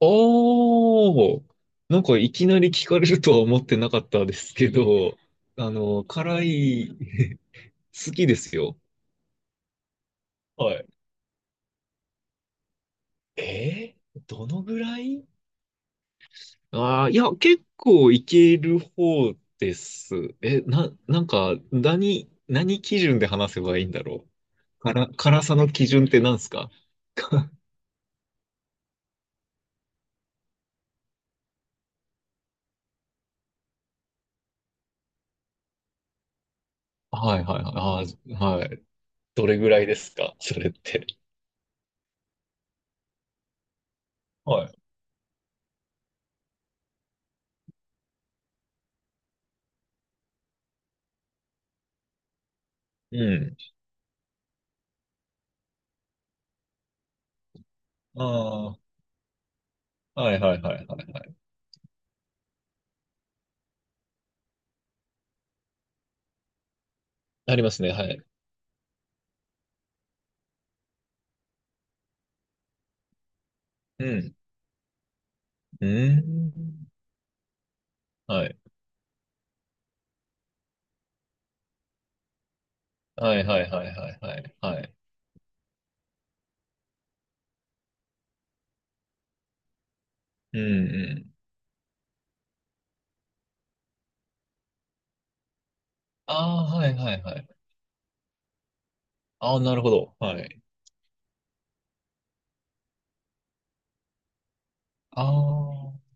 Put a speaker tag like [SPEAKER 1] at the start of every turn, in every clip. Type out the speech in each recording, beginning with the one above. [SPEAKER 1] おー、なんかいきなり聞かれるとは思ってなかったですけど、あの、辛い、好きですよ。はい。どのぐらいああー、いや、結構いける方です。なんか、何基準で話せばいいんだろう。辛さの基準って何すか？ はいはいはい。あー、はい。どれぐらいですか、それって？はい。うん。ああ、はいはいはいはいはい。ありますね、はい。うん。うん。はい。はいはいはいはいはいはい。うんうん。ああ、はいはいはい。ああ、なるほど。はい。ああ。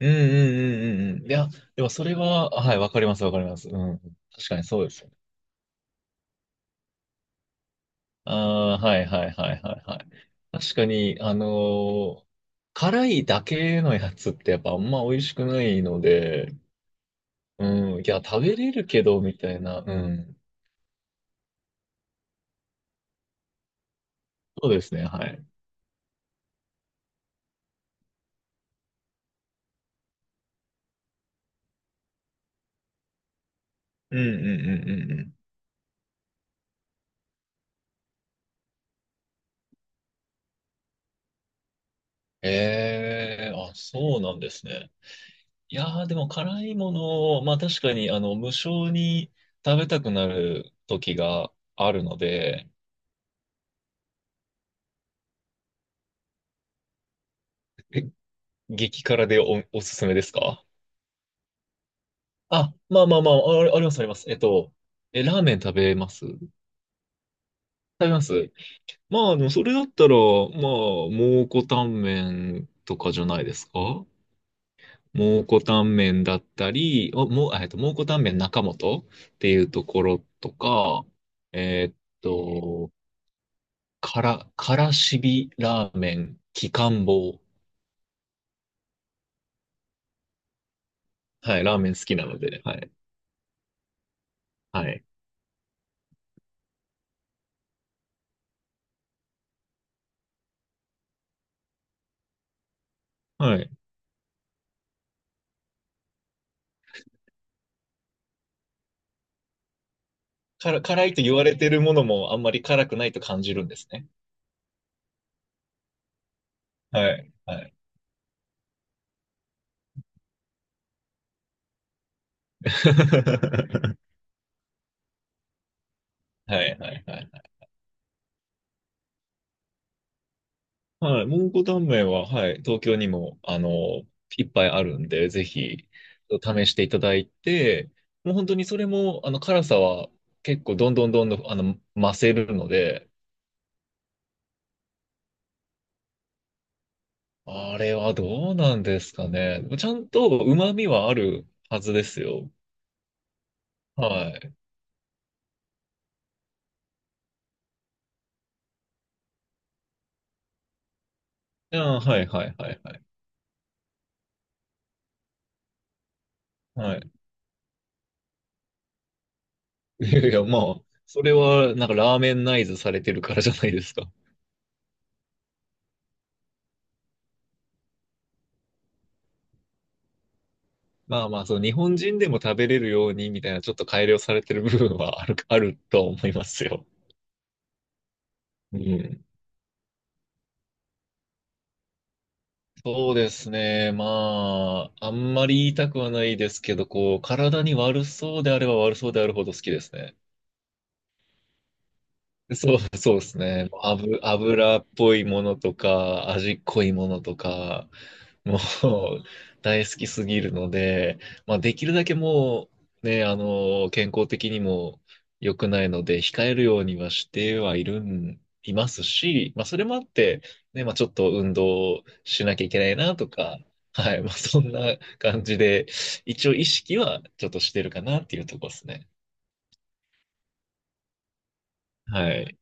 [SPEAKER 1] うんうんうんうんうん。いや、でもそれは、はい、わかりますわかります。うん。確かにそうですよね。ああ、はいはいはいはいはい。確かに、辛いだけのやつってやっぱあんま美味しくないので、うん。いや、食べれるけど、みたいな。うん。そうですね、はい。うんうんうんうんうん。ええ、あ、そうなんですね。いやー、でも辛いものを、まあ確かに、無性に食べたくなる時があるので、激辛でおすすめですか？あ、まあまあまあ、あ、ありますあります。ラーメン食べます？食べます？まあ、でもそれだったら、まあ、蒙古タンメンとかじゃないですか？蒙古タンメンだったり、おもう、蒙古タンメン中本っていうところとか、えーっと、からしびラーメン、きかんぼう。はい、ラーメン好きなのでね、はい、はい、はい。から、辛いと言われてるものもあんまり辛くないと感じるんですね。はい、はい。はい、はい、はい。はい。蒙古タンメンは、はい。東京にも、いっぱいあるんで、ぜひ、試していただいて、もう本当にそれも、辛さは結構、どんどんどんどん、増せるので、あれはどうなんですかね。ちゃんと旨味はあるはずですよ。はい。あー、はい、はい、はい、はい。はい。いやいや、まあ、それは、なんか、ラーメンナイズされてるからじゃないですか？まあまあ、そう、日本人でも食べれるようにみたいな、ちょっと改良されてる部分はあるとは思いますよ。うん。そうですね。まあ、あんまり言いたくはないですけど、こう、体に悪そうであれば悪そうであるほど好きですね。そう、そうですね。油っぽいものとか、味濃いものとか、もう 大好きすぎるので、まあ、できるだけもう、ね、健康的にも良くないので、控えるようにはしてはいるん、いますし、まあ、それもあって、ね、まあ、ちょっと運動しなきゃいけないなとか、はい、まあ、そんな感じで、一応意識はちょっとしてるかなっていうところですね。はい。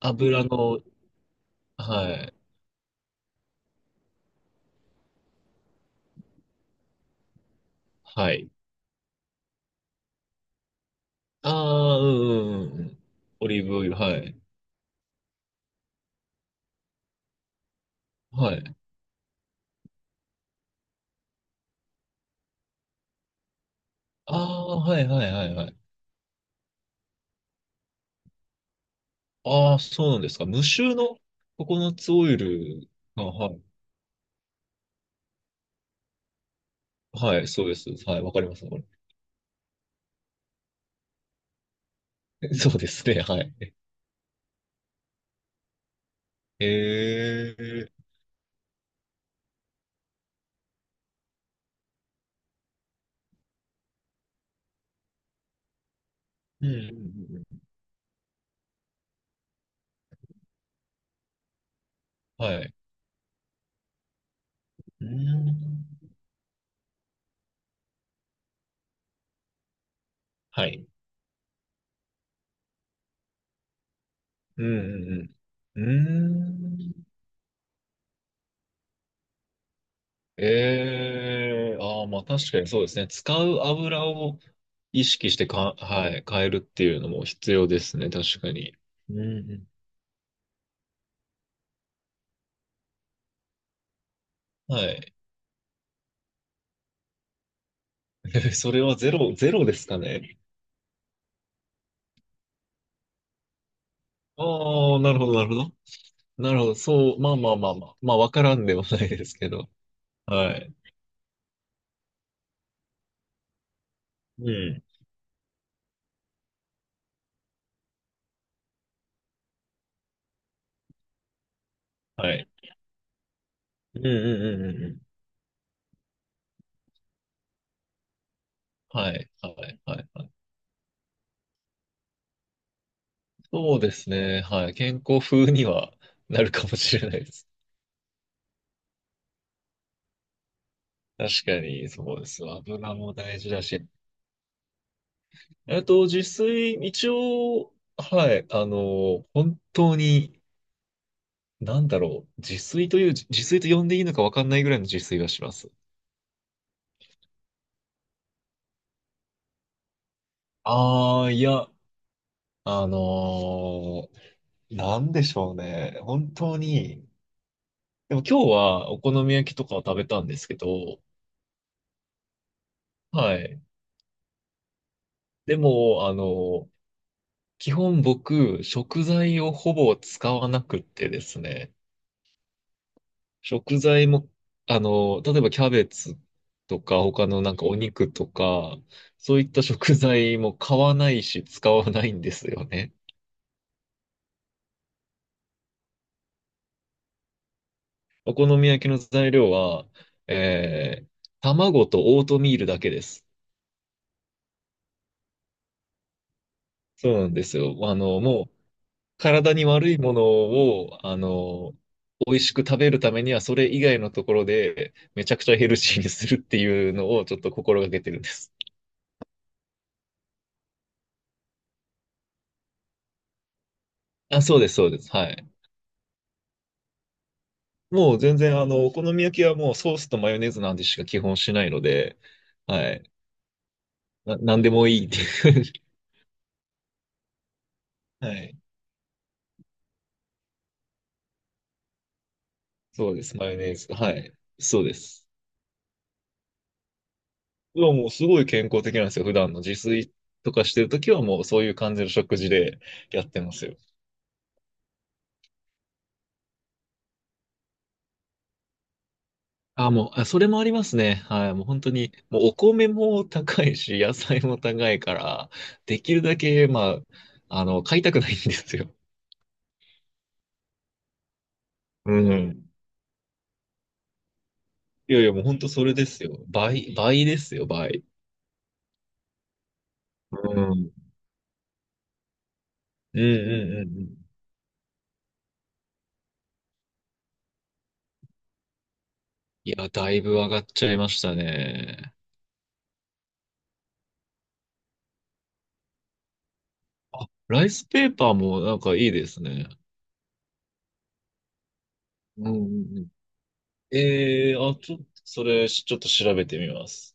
[SPEAKER 1] 油の、はい。はい。ああ、うんうんうんうん。オリーブオイル、はい。はい。ああ、はいはいはいはい。ああ、そうなんですか。無臭のココナッツオイルが、はい。はい、そうです。はい、わかります、これ。そうですね、はい。ええ、うんうんうんうん。はい。うん。はい。うんうんうん。うーん。ええ、ああ、まあ確かにそうですね。使う油を意識してか、はい、変えるっていうのも必要ですね、確かに。うんうん、はい。それはゼロ、ゼロですかね？ああ、なるほど、なるほど。なるほど。そう、まあまあまあまあ。まあ、わからんではないですけど。はい。うん。はい。うんうんうんうんうん。はい。はい。はい。はい、そうですね。はい。健康風にはなるかもしれないです。確かに、そうです。油も大事だし。自炊、一応、はい。本当に、なんだろう。自炊と呼んでいいのかわかんないぐらいの自炊はします。ああ、いや、あのーなんでしょうね。本当に。でも今日はお好み焼きとかを食べたんですけど、はい。でも、基本僕、食材をほぼ使わなくってですね。食材も、例えばキャベツとか、他のなんかお肉とか、そういった食材も買わないし、使わないんですよね。お好み焼きの材料は、えー卵とオートミールだけです。そうなんですよ。もう、体に悪いものを、美味しく食べるためには、それ以外のところで、めちゃくちゃヘルシーにするっていうのを、ちょっと心がけてるんです。あ、そうです、そうです。はい。もう全然、お好み焼きはもうソースとマヨネーズなんてしか基本しないので、はい。なんでもいいっていう。はい。そうです、マヨネーズ。はい。そうです。はもうすごい健康的なんですよ。普段の自炊とかしてるときはもうそういう感じの食事でやってますよ。あ、もう、あ、それもありますね。はい。もう本当に、もうお米も高いし、野菜も高いから、できるだけ、まあ、買いたくないんですよ。うん。いやいや、もう本当それですよ。倍、倍ですよ、倍。うん。うんうんうんうん。いや、だいぶ上がっちゃいましたね。あ、ライスペーパーもなんかいいですね。うんうんうん。ええー、あ、ちょっと、それ、ちょっと調べてみます。